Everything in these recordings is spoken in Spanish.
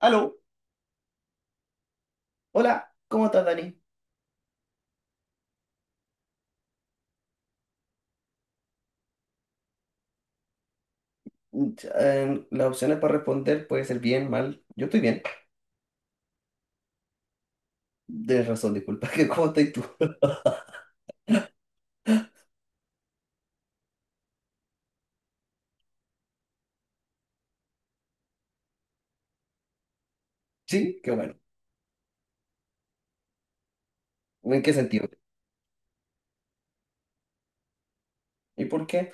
Aló, hola, ¿cómo estás, Dani? Las opciones para responder puede ser bien, mal. Yo estoy bien. Tienes razón, disculpa. ¿Qué, cómo estás tú? Sí, qué bueno. ¿En qué sentido? ¿Y por qué?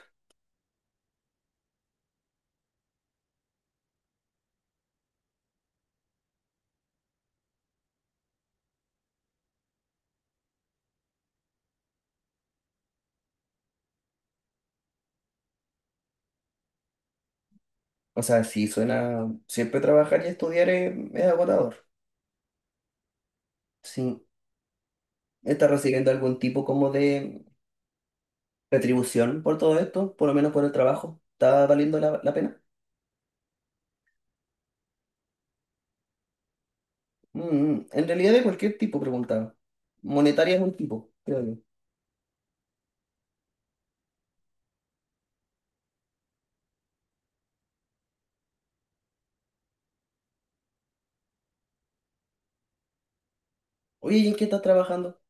O sea, sí, suena... Siempre trabajar y estudiar es agotador. Sí. ¿Estás recibiendo algún tipo como de retribución por todo esto? Por lo menos por el trabajo. ¿Está valiendo la pena? Mm, mm. En realidad de cualquier tipo, preguntaba. Monetaria es un tipo, creo yo. Oye, ¿y en qué estás trabajando?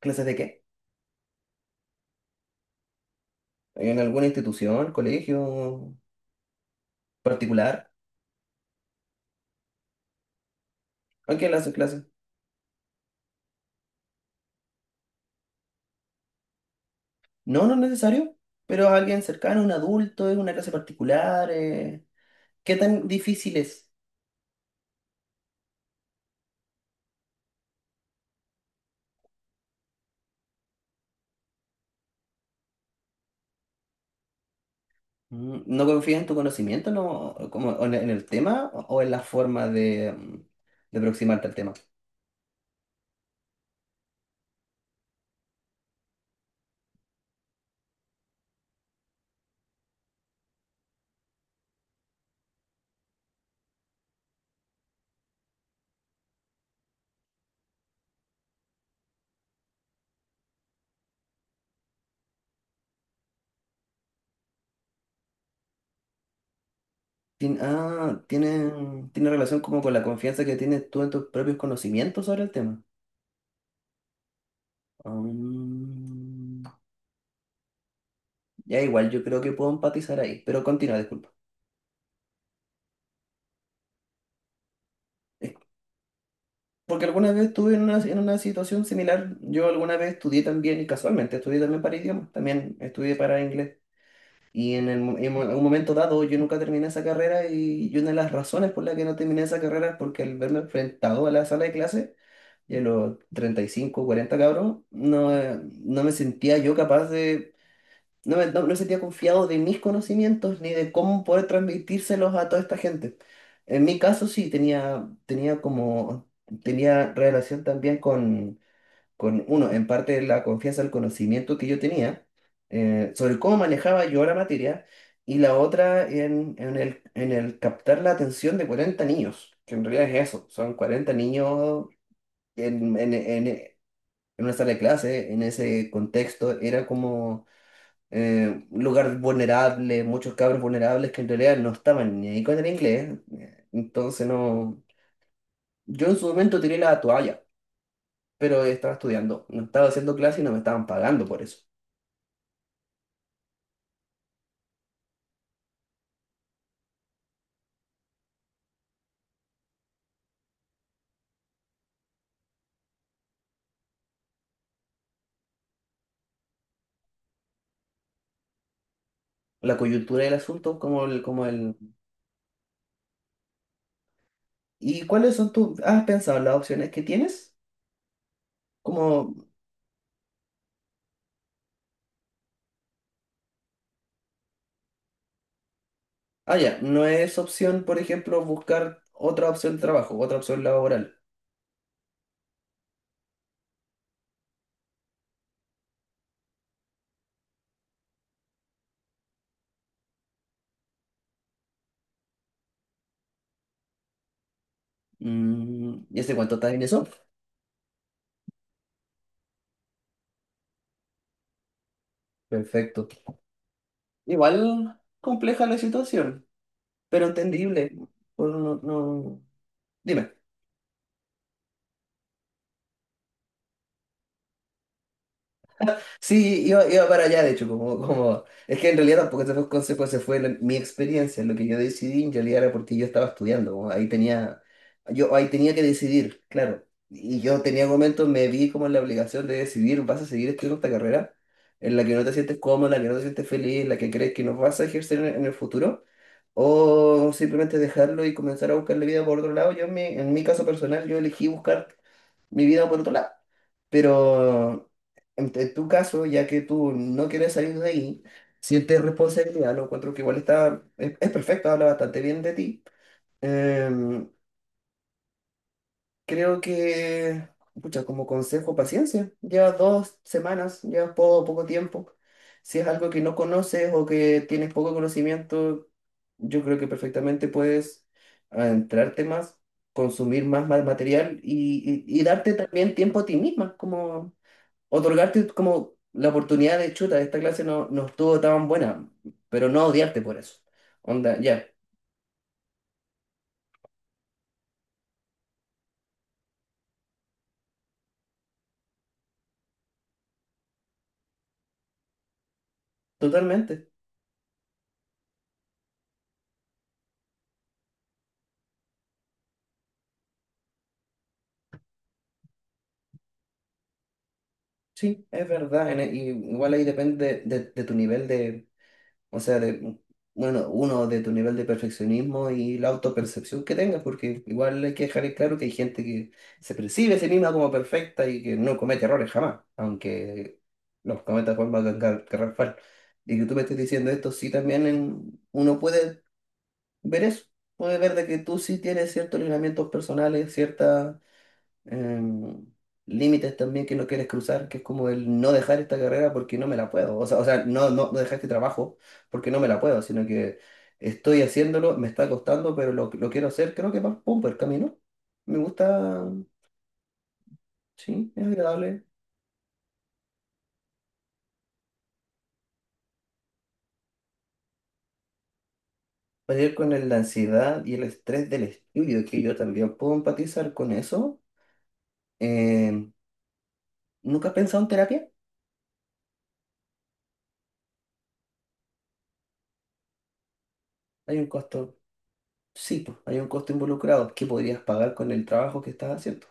¿Clases de qué? ¿En alguna institución, colegio particular? ¿A quién le hacen clases? No, no es necesario, pero a alguien cercano, un adulto, es una clase particular. ¿Qué tan difícil es? ¿No confías en tu conocimiento, no, como o en el tema o en la forma de, de aproximarte al tema? Tiene relación como con la confianza que tienes tú en tus propios conocimientos sobre el tema. Mm, ya igual, yo creo que puedo empatizar ahí, pero continúa, disculpa. Porque alguna vez estuve en una situación similar. Yo alguna vez estudié también, y casualmente estudié también para idiomas, también estudié para inglés. Y en, el mo- en mo- un momento dado yo nunca terminé esa carrera y, una de las razones por la que no terminé esa carrera es porque al verme enfrentado a la sala de clase, y a los 35 40 cabros, no, no me sentía yo capaz de, no me, no, no sentía confiado de mis conocimientos ni de cómo poder transmitírselos a toda esta gente. En mi caso sí, tenía como, tenía relación también con uno, en parte la confianza, el conocimiento que yo tenía sobre cómo manejaba yo la materia y la otra en, en el captar la atención de 40 niños, que en realidad es eso, son 40 niños en una sala de clase, en ese contexto, era como un lugar vulnerable, muchos cabros vulnerables que en realidad no estaban ni ahí con el inglés. Entonces no... Yo en su momento tiré la toalla, pero estaba estudiando, no estaba haciendo clase y no me estaban pagando por eso. La coyuntura del asunto, como el... ¿Y cuáles son tus... ¿Has pensado en las opciones que tienes? Como, ya, no es opción, por ejemplo, buscar otra opción de trabajo, otra opción laboral. ¿Y ese cuánto está en eso? Perfecto. Igual compleja la situación, pero entendible. Uno no, no- Dime. Sí, iba para allá, de hecho, como, Es que en realidad tampoco esa fue consecuencia, fue la- mi experiencia. Lo que yo decidí en realidad era porque yo estaba estudiando. Como ahí tenía... Yo ahí tenía que decidir, claro. Y yo tenía momentos, me vi como en la obligación de decidir, ¿vas a seguir estudiando esta carrera? En la que no te sientes cómodo, en la que no te sientes feliz, en la que crees que no vas a ejercer en el futuro. O simplemente dejarlo y comenzar a buscarle vida por otro lado. Yo en mi caso personal, yo elegí buscar mi vida por otro lado. Pero en, tu caso, ya que tú no quieres salir de ahí, sientes responsabilidad, lo encuentro que igual está, es perfecto, habla bastante bien de ti. Em, Creo que, pucha, como consejo, paciencia. Llevas 2 semanas, llevas poco, poco tiempo. Si es algo que no conoces o que tienes poco conocimiento, yo creo que perfectamente puedes adentrarte más, consumir más, más material y darte también tiempo a ti misma, como otorgarte como la oportunidad de chuta, esta clase no, no estuvo tan buena, pero no odiarte por eso. Onda, ya, totalmente. Sí, es verdad. En e- y Igual ahí depende de tu nivel de, o sea, de, bueno, uno, de tu nivel de perfeccionismo y la autopercepción que tengas, porque igual hay que dejar en claro que hay gente que se percibe a sí misma como perfecta y que no comete errores jamás, aunque los cometa de forma garrafal. Y que tú me estés diciendo esto, sí, también uno puede ver eso, puede ver de que tú sí tienes ciertos lineamientos personales, ciertas em, límites también que no quieres cruzar, que es como el no dejar esta carrera porque no me la puedo. O sea, no, no, no dejar este trabajo porque no me la puedo, sino que estoy haciéndolo, me está costando, pero lo quiero hacer. Creo que va, pum, por el camino. Me gusta, sí, es agradable. Pelear con la ansiedad y el estrés del estudio, que yo también puedo empatizar con eso. Em, ¿nunca has pensado en terapia? Hay un costo, sí, pues, hay un costo involucrado que podrías pagar con el trabajo que estás haciendo.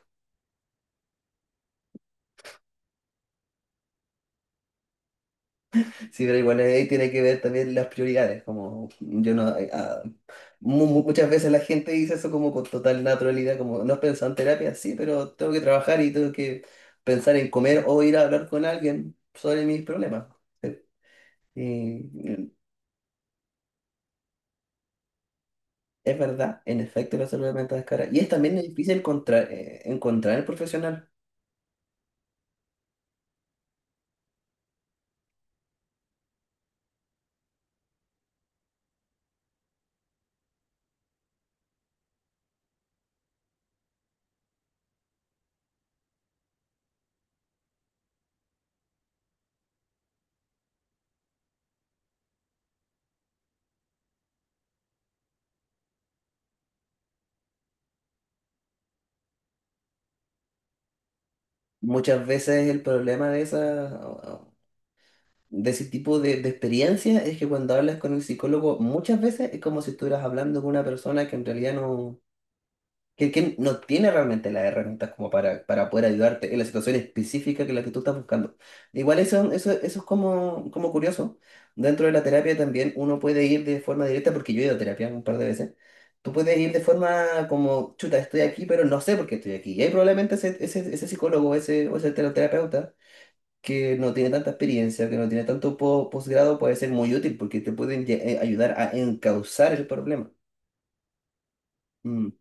Sí, pero igual ahí tiene que ver también las prioridades, como yo no... muchas veces la gente dice eso como con total naturalidad, como no has pensado en terapia, sí, pero tengo que trabajar y tengo que pensar en comer o ir a hablar con alguien sobre mis problemas. Sí. Y es verdad, en efecto la salud mental es cara. Y es también difícil encontrar, encontrar el profesional. Muchas veces el problema de esas de ese tipo de, experiencias es que cuando hablas con el psicólogo, muchas veces es como si estuvieras hablando con una persona que en realidad no, que no tiene realmente las herramientas como para poder ayudarte en la situación específica que la que tú estás buscando. Igual eso es como, curioso. Dentro de la terapia también uno puede ir de forma directa, porque yo he ido a terapia un par de veces. Tú puedes ir de forma como, chuta, estoy aquí, pero no sé por qué estoy aquí. Y ahí probablemente ese psicólogo ese, o ese terapeuta que no tiene tanta experiencia, que no tiene tanto posgrado, puede ser muy útil porque te pueden ayudar a encauzar el problema. Mm,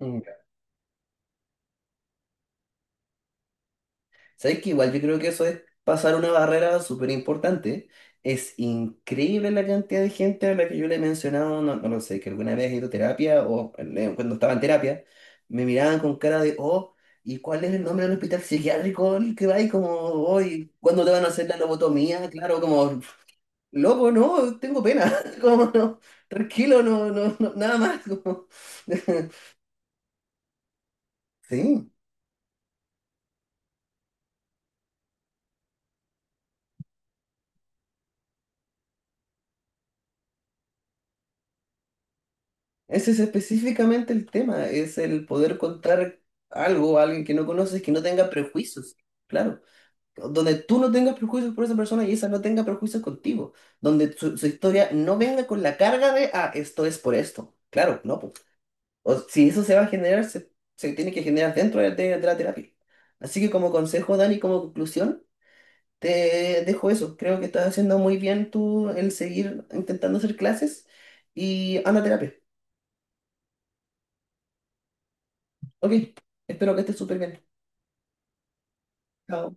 mm. ¿Sabes qué? Igual yo creo que eso es pasar una barrera súper importante. Es increíble la cantidad de gente a la que yo le he mencionado, no, no lo sé, que alguna vez he ido a terapia o cuando estaba en terapia, me miraban con cara de, oh, ¿y cuál es el nombre del hospital psiquiátrico al que va? Y como, hoy, ¿cuándo te van a hacer la lobotomía? Claro, como loco, no, tengo pena. Como no, tranquilo, no, no, no, nada más. Sí, ese es específicamente el tema, es el poder contar algo a alguien que no conoces que no tenga prejuicios. Claro, donde tú no tengas prejuicios por esa persona y esa no tenga prejuicios contigo, donde su historia no venga con la carga de, ah, esto es por esto. Claro, no, pues. O, si eso se va a generar, se tiene que generar dentro de, de la terapia. Así que como consejo, Dani, como conclusión. Te dejo eso. Creo que estás haciendo muy bien tú el seguir intentando hacer clases y anda a terapia. Ok, espero que estés súper bien. Chao.